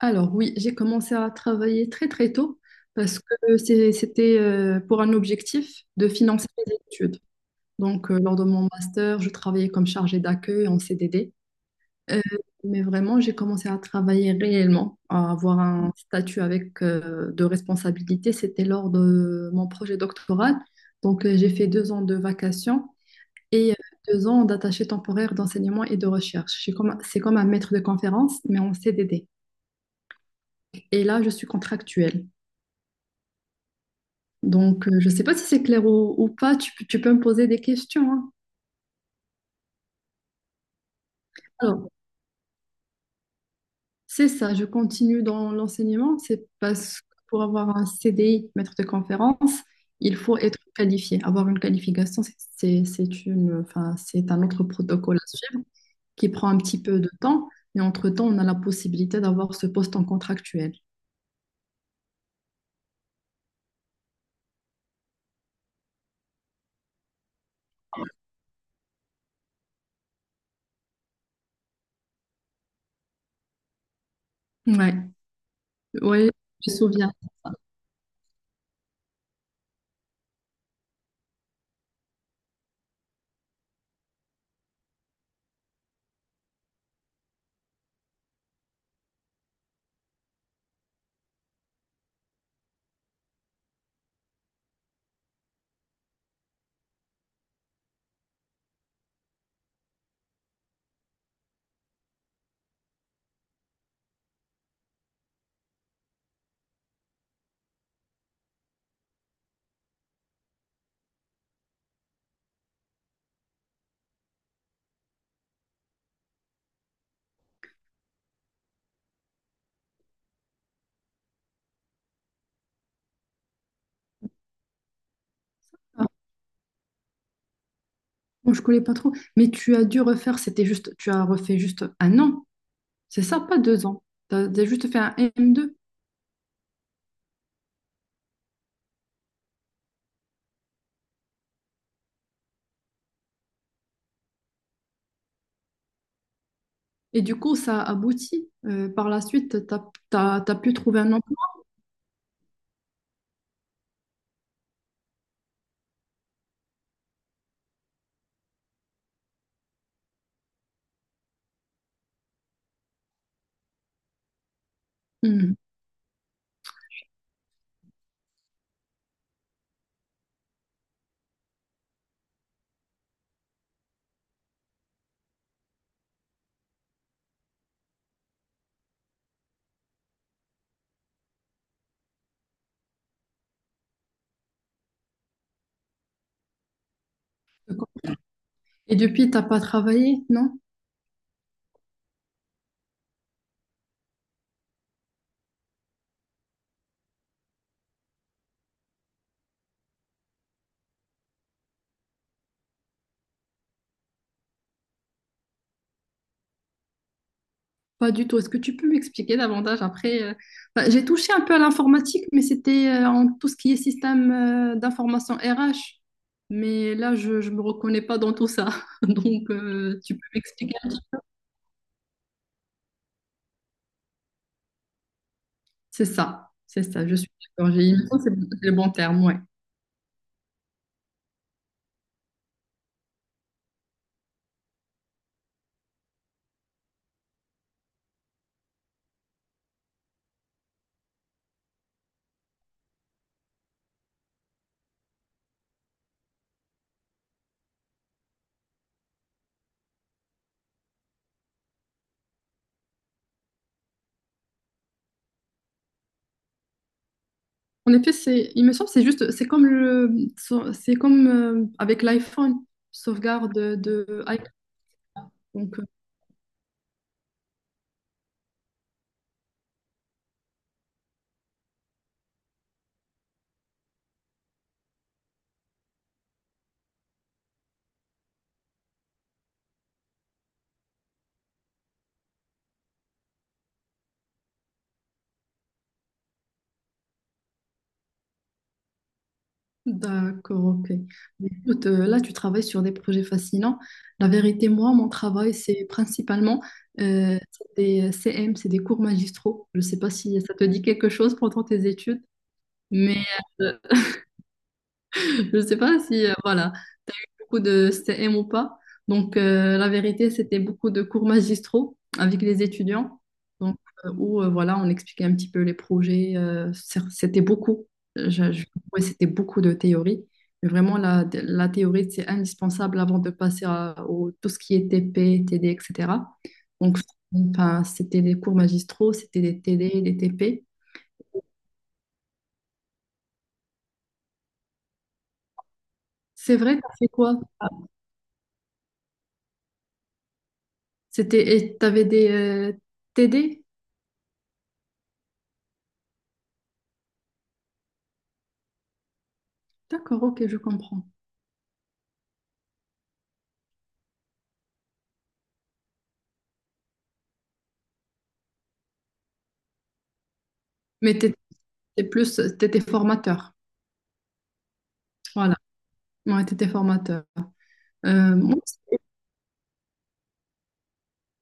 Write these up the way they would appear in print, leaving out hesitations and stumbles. Alors oui, j'ai commencé à travailler très très tôt parce que c'était pour un objectif de financer mes études. Lors de mon master, je travaillais comme chargée d'accueil en CDD. Euh, mais vraiment, j'ai commencé à travailler réellement, à avoir un statut avec de responsabilité. C'était lors de mon projet doctoral. J'ai fait deux ans de vacations et deux ans d'attaché temporaire d'enseignement et de recherche. C'est comme un maître de conférence, mais en CDD. Et là, je suis contractuelle. Donc, je ne sais pas si c'est clair ou pas, peux tu peux me poser des questions, hein. Alors, c'est ça, je continue dans l'enseignement, c'est parce que pour avoir un CDI, maître de conférence, il faut être qualifié. Avoir une qualification, c'est une, enfin, c'est un autre protocole à suivre qui prend un petit peu de temps, mais entre-temps, on a la possibilité d'avoir ce poste en contractuel. Ouais, ouais, je me souviens. Ah bon, je connais pas trop, mais tu as dû refaire, c'était juste, tu as refait juste un an. C'est ça, pas deux ans. Tu as juste fait un M2. Et du coup, ça aboutit. Par la suite, tu as pu trouver un emploi. Hmm, d'accord. Et depuis, t'as pas travaillé, non? Pas du tout. Est-ce que tu peux m'expliquer davantage après? Bah, j'ai touché un peu à l'informatique, mais c'était en tout ce qui est système d'information RH. Mais là, je ne me reconnais pas dans tout ça. Donc, tu peux m'expliquer? C'est ça, je suis d'accord. J'ai l'impression que c'est le bon terme, ouais. En effet, c'est, il me semble, c'est juste, c'est comme avec l'iPhone, sauvegarde de iCloud. Donc, d'accord, ok. Mais écoute, là, tu travailles sur des projets fascinants. La vérité, moi, mon travail, c'est principalement c'est des CM, c'est des cours magistraux. Je ne sais pas si ça te dit quelque chose pendant tes études, mais euh, je ne sais pas si, voilà, beaucoup de CM ou pas. Donc, la vérité, c'était beaucoup de cours magistraux avec les étudiants. Donc, voilà, on expliquait un petit peu les projets. C'était beaucoup. Je- je- ouais, c'était beaucoup de théorie. Mais vraiment, la théorie, c'est indispensable avant de passer à au, tout ce qui est TP, TD, etc. Donc, enfin, c'était des cours magistraux, c'était des TD, des TP. C'est vrai, t'as fait quoi? C'était, et t'avais des TD? D'accord, ok, je comprends. Mais t'étais C'est plus, tu étais formateur. Voilà, ouais, tu étais formateur. Euh, moi,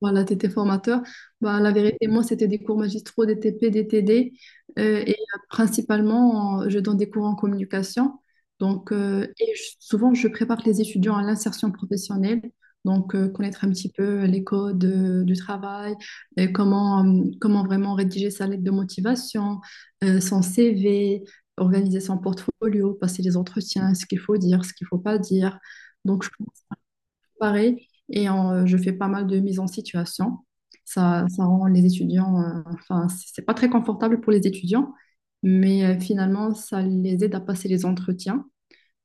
Voilà, tu étais formateur. Bah, la vérité, moi, c'était des cours magistraux, des TP, des TD. Et principalement, je donne des cours en communication. Donc, et souvent, je prépare les étudiants à l'insertion professionnelle. Donc, connaître un petit peu les codes du travail, et comment, comment vraiment rédiger sa lettre de motivation, son CV, organiser son portfolio, passer les entretiens, ce qu'il faut dire, ce qu'il ne faut pas dire. Donc, je pareil. Et en, je fais pas mal de mise en situation. Ça rend les étudiants, enfin, c'est pas très confortable pour les étudiants, mais finalement, ça les aide à passer les entretiens.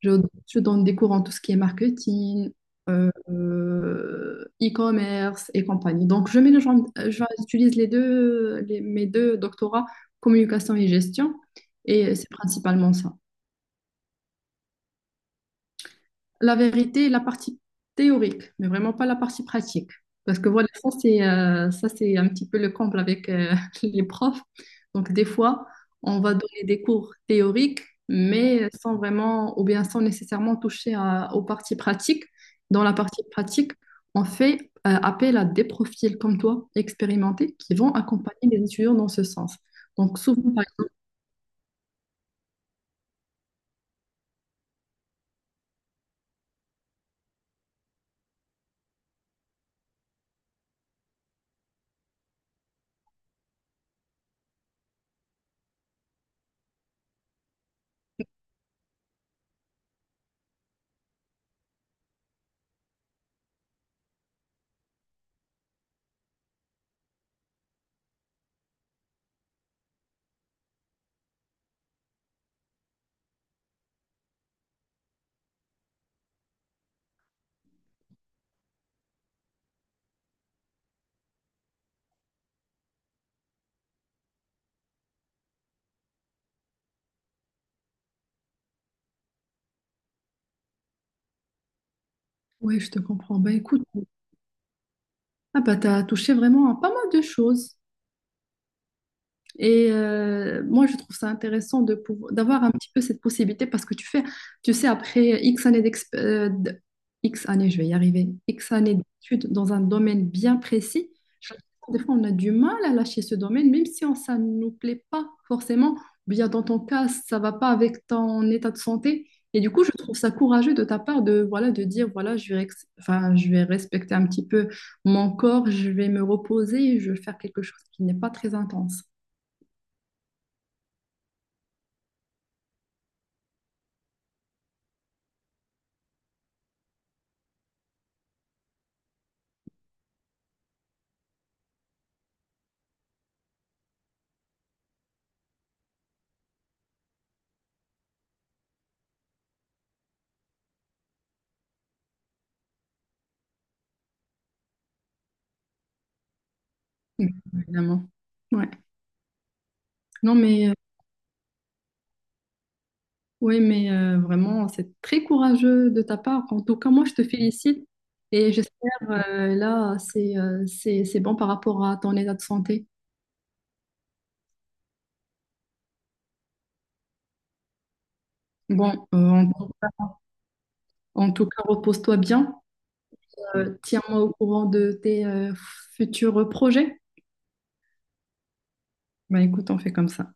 Je, je donne des cours en tout ce qui est marketing, e-commerce et compagnie. Donc, je mélange, j'utilise les deux, mes deux doctorats, communication et gestion, et c'est principalement ça. La vérité, la partie théorique, mais vraiment pas la partie pratique. Parce que voilà, ça c'est un petit peu le comble avec les profs. Donc des fois, on va donner des cours théoriques, mais sans vraiment ou bien sans nécessairement toucher aux parties pratiques. Dans la partie pratique, on fait appel à des profils comme toi, expérimentés, qui vont accompagner les étudiants dans ce sens. Donc souvent, par exemple, oui, je te comprends. Ben écoute, ah bah, tu as touché vraiment à pas mal de choses. Et moi, je trouve ça intéressant de pouvoir, d'avoir un petit peu cette possibilité parce que tu fais, tu sais, après X années X années, je vais y arriver, X années d'études dans un domaine bien précis, je trouve que des fois, on a du mal à lâcher ce domaine, même si ça ne nous plaît pas forcément, ou bien dans ton cas, ça va pas avec ton état de santé. Et du coup, je trouve ça courageux de ta part de, voilà, de dire, voilà, enfin, je vais respecter un petit peu mon corps, je vais me reposer, je vais faire quelque chose qui n'est pas très intense. Mm, évidemment. Ouais. Non, mais, ouais, mais vraiment, c'est très courageux de ta part. En tout cas, moi, je te félicite et j'espère, là, c'est bon par rapport à ton état de santé. Bon, en tout cas, repose-toi bien. Tiens-moi au courant de tes futurs projets. Bah, écoute, on fait comme ça.